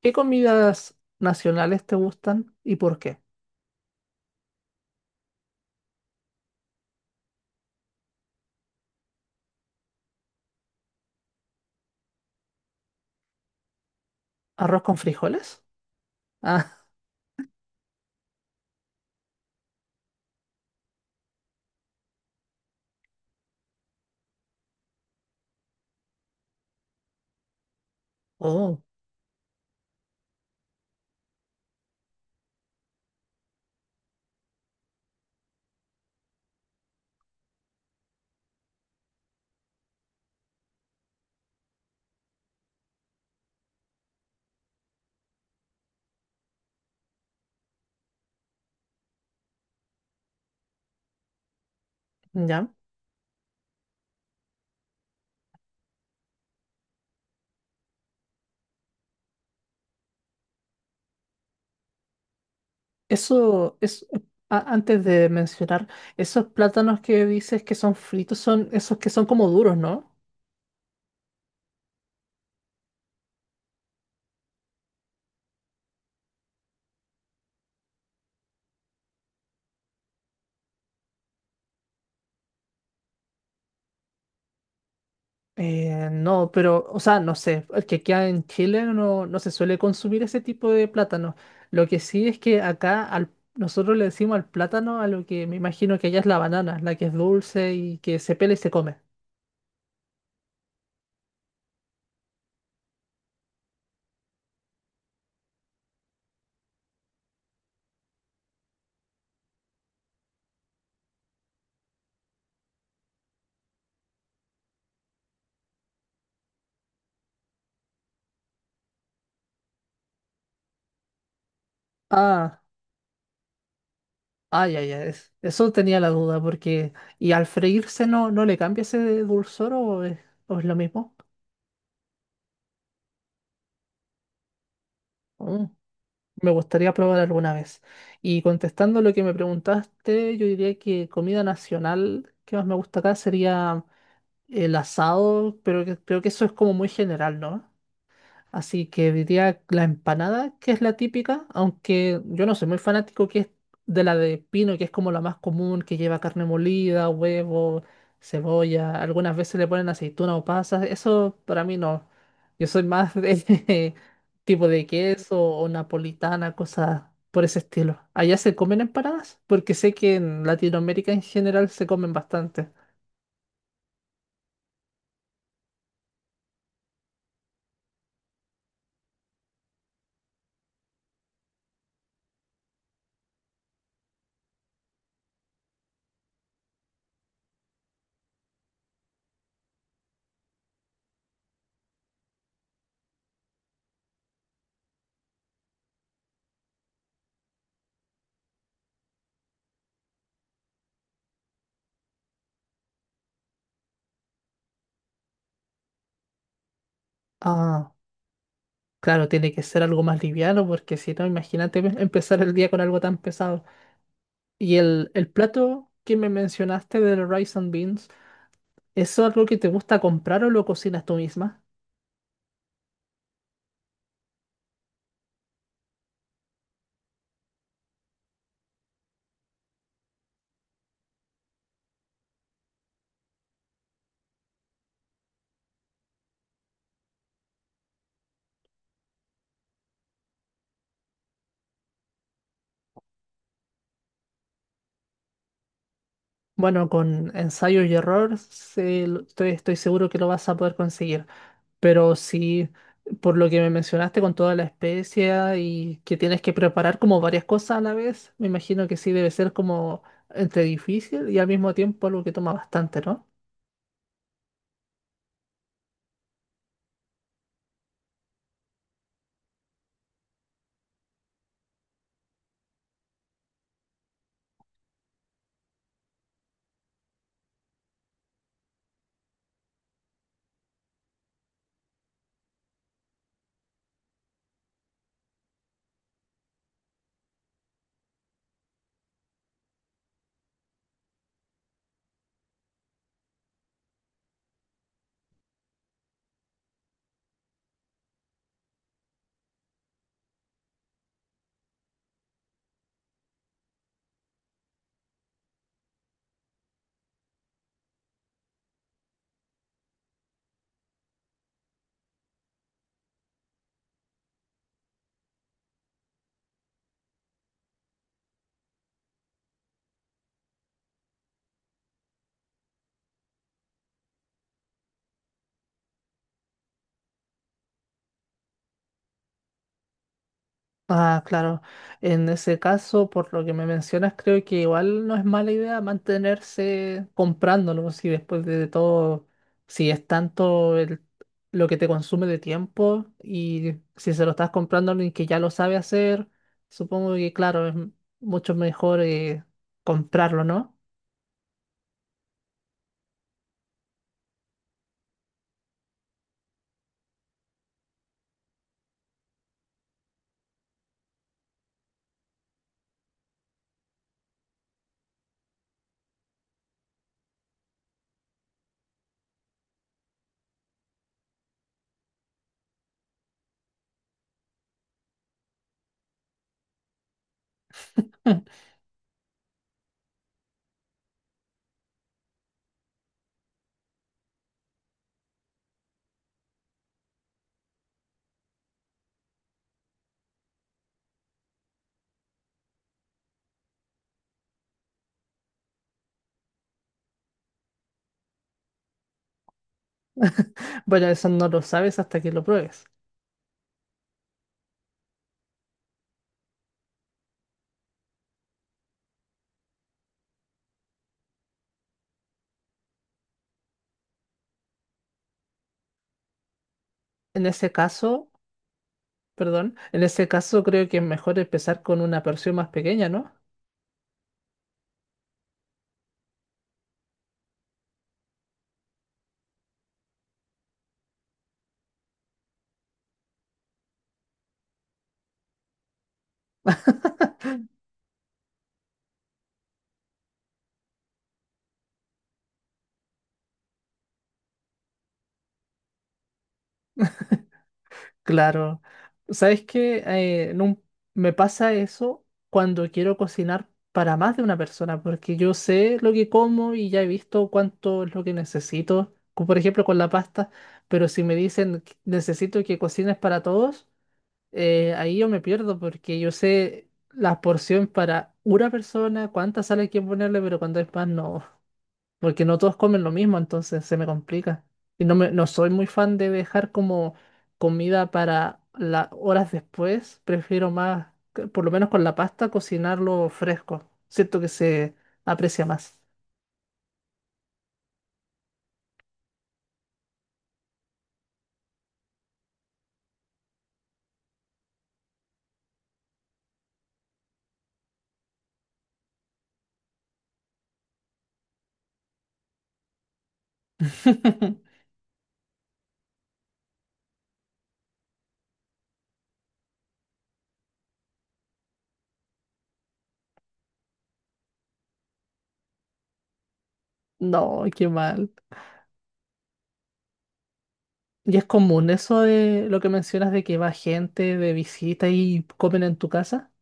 ¿Qué comidas nacionales te gustan y por qué? ¿Arroz con frijoles? Ah, oh, ya. Eso es, antes de mencionar, esos plátanos que dices que son fritos son esos que son como duros, ¿no? No, pero, o sea, no sé, el que queda en Chile no se suele consumir ese tipo de plátano. Lo que sí es que nosotros le decimos al plátano a lo que me imagino que allá es la banana, la que es dulce y que se pela y se come. Ah. Ay, ay, ay. Eso tenía la duda, porque. ¿Y al freírse no le cambia ese dulzor o o es lo mismo? Mm, me gustaría probar alguna vez. Y contestando lo que me preguntaste, yo diría que comida nacional que más me gusta acá sería el asado, pero creo que eso es como muy general, ¿no? Así que diría la empanada, que es la típica, aunque yo no soy muy fanático, que es de la de pino, que es como la más común, que lleva carne molida, huevo, cebolla, algunas veces le ponen aceituna o pasas, eso para mí no. Yo soy más de tipo de queso o napolitana, cosas por ese estilo. ¿Allá se comen empanadas? Porque sé que en Latinoamérica en general se comen bastante. Ah, claro, tiene que ser algo más liviano, porque si no, imagínate empezar el día con algo tan pesado. Y el plato que me mencionaste del rice and beans, ¿eso es algo que te gusta comprar o lo cocinas tú misma? Bueno, con ensayo y error estoy seguro que lo vas a poder conseguir, pero si por lo que me mencionaste con toda la especia y que tienes que preparar como varias cosas a la vez, me imagino que sí debe ser como entre difícil y al mismo tiempo algo que toma bastante, ¿no? Ah, claro. En ese caso, por lo que me mencionas, creo que igual no es mala idea mantenerse comprándolo, si después de todo, si es tanto lo que te consume de tiempo y si se lo estás comprando a alguien que ya lo sabe hacer, supongo que claro, es mucho mejor, comprarlo, ¿no? Bueno, eso no lo sabes hasta que lo pruebes. En ese caso, perdón, en ese caso creo que es mejor empezar con una porción más pequeña, ¿no? Claro, ¿sabes qué? Me pasa eso cuando quiero cocinar para más de una persona, porque yo sé lo que como y ya he visto cuánto es lo que necesito, como por ejemplo con la pasta, pero si me dicen que necesito que cocines para todos, ahí yo me pierdo porque yo sé la porción para una persona, cuánta sal hay que ponerle, pero cuando es más no, porque no todos comen lo mismo, entonces se me complica. Y no soy muy fan de dejar como comida para las horas después, prefiero más, que por lo menos con la pasta, cocinarlo fresco. Siento que se aprecia más. No, qué mal. ¿Y es común eso de lo que mencionas de que va gente de visita y comen en tu casa?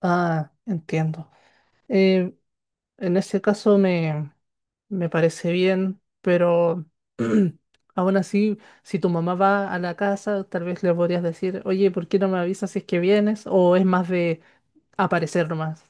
Ah, entiendo. Eh, En ese caso me parece bien, pero aún así, si tu mamá va a la casa, tal vez le podrías decir, oye, ¿por qué no me avisas si es que vienes? ¿O es más de aparecer nomás?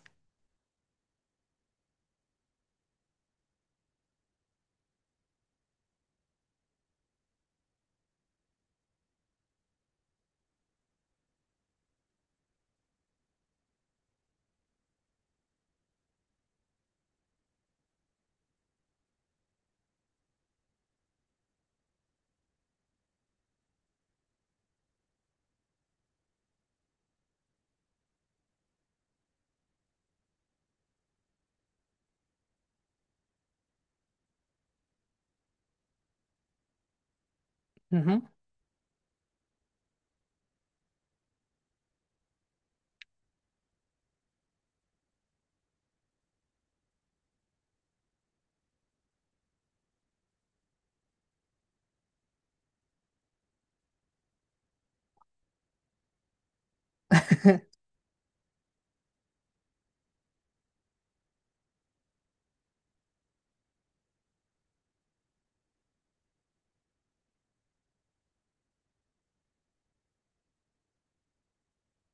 Ujú.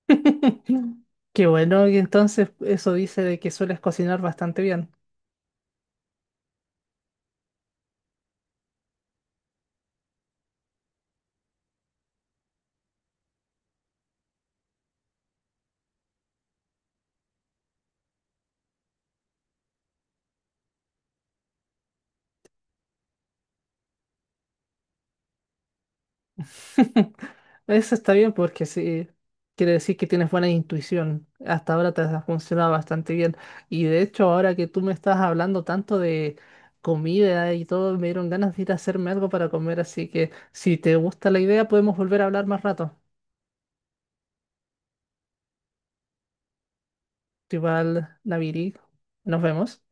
Qué bueno, y entonces eso dice de que sueles cocinar bastante bien. Eso está bien porque sí, quiere decir que tienes buena intuición. Hasta ahora te ha funcionado bastante bien. Y de hecho, ahora que tú me estás hablando tanto de comida y todo, me dieron ganas de ir a hacerme algo para comer. Así que si te gusta la idea, podemos volver a hablar más rato. Igual, Naviri, nos vemos.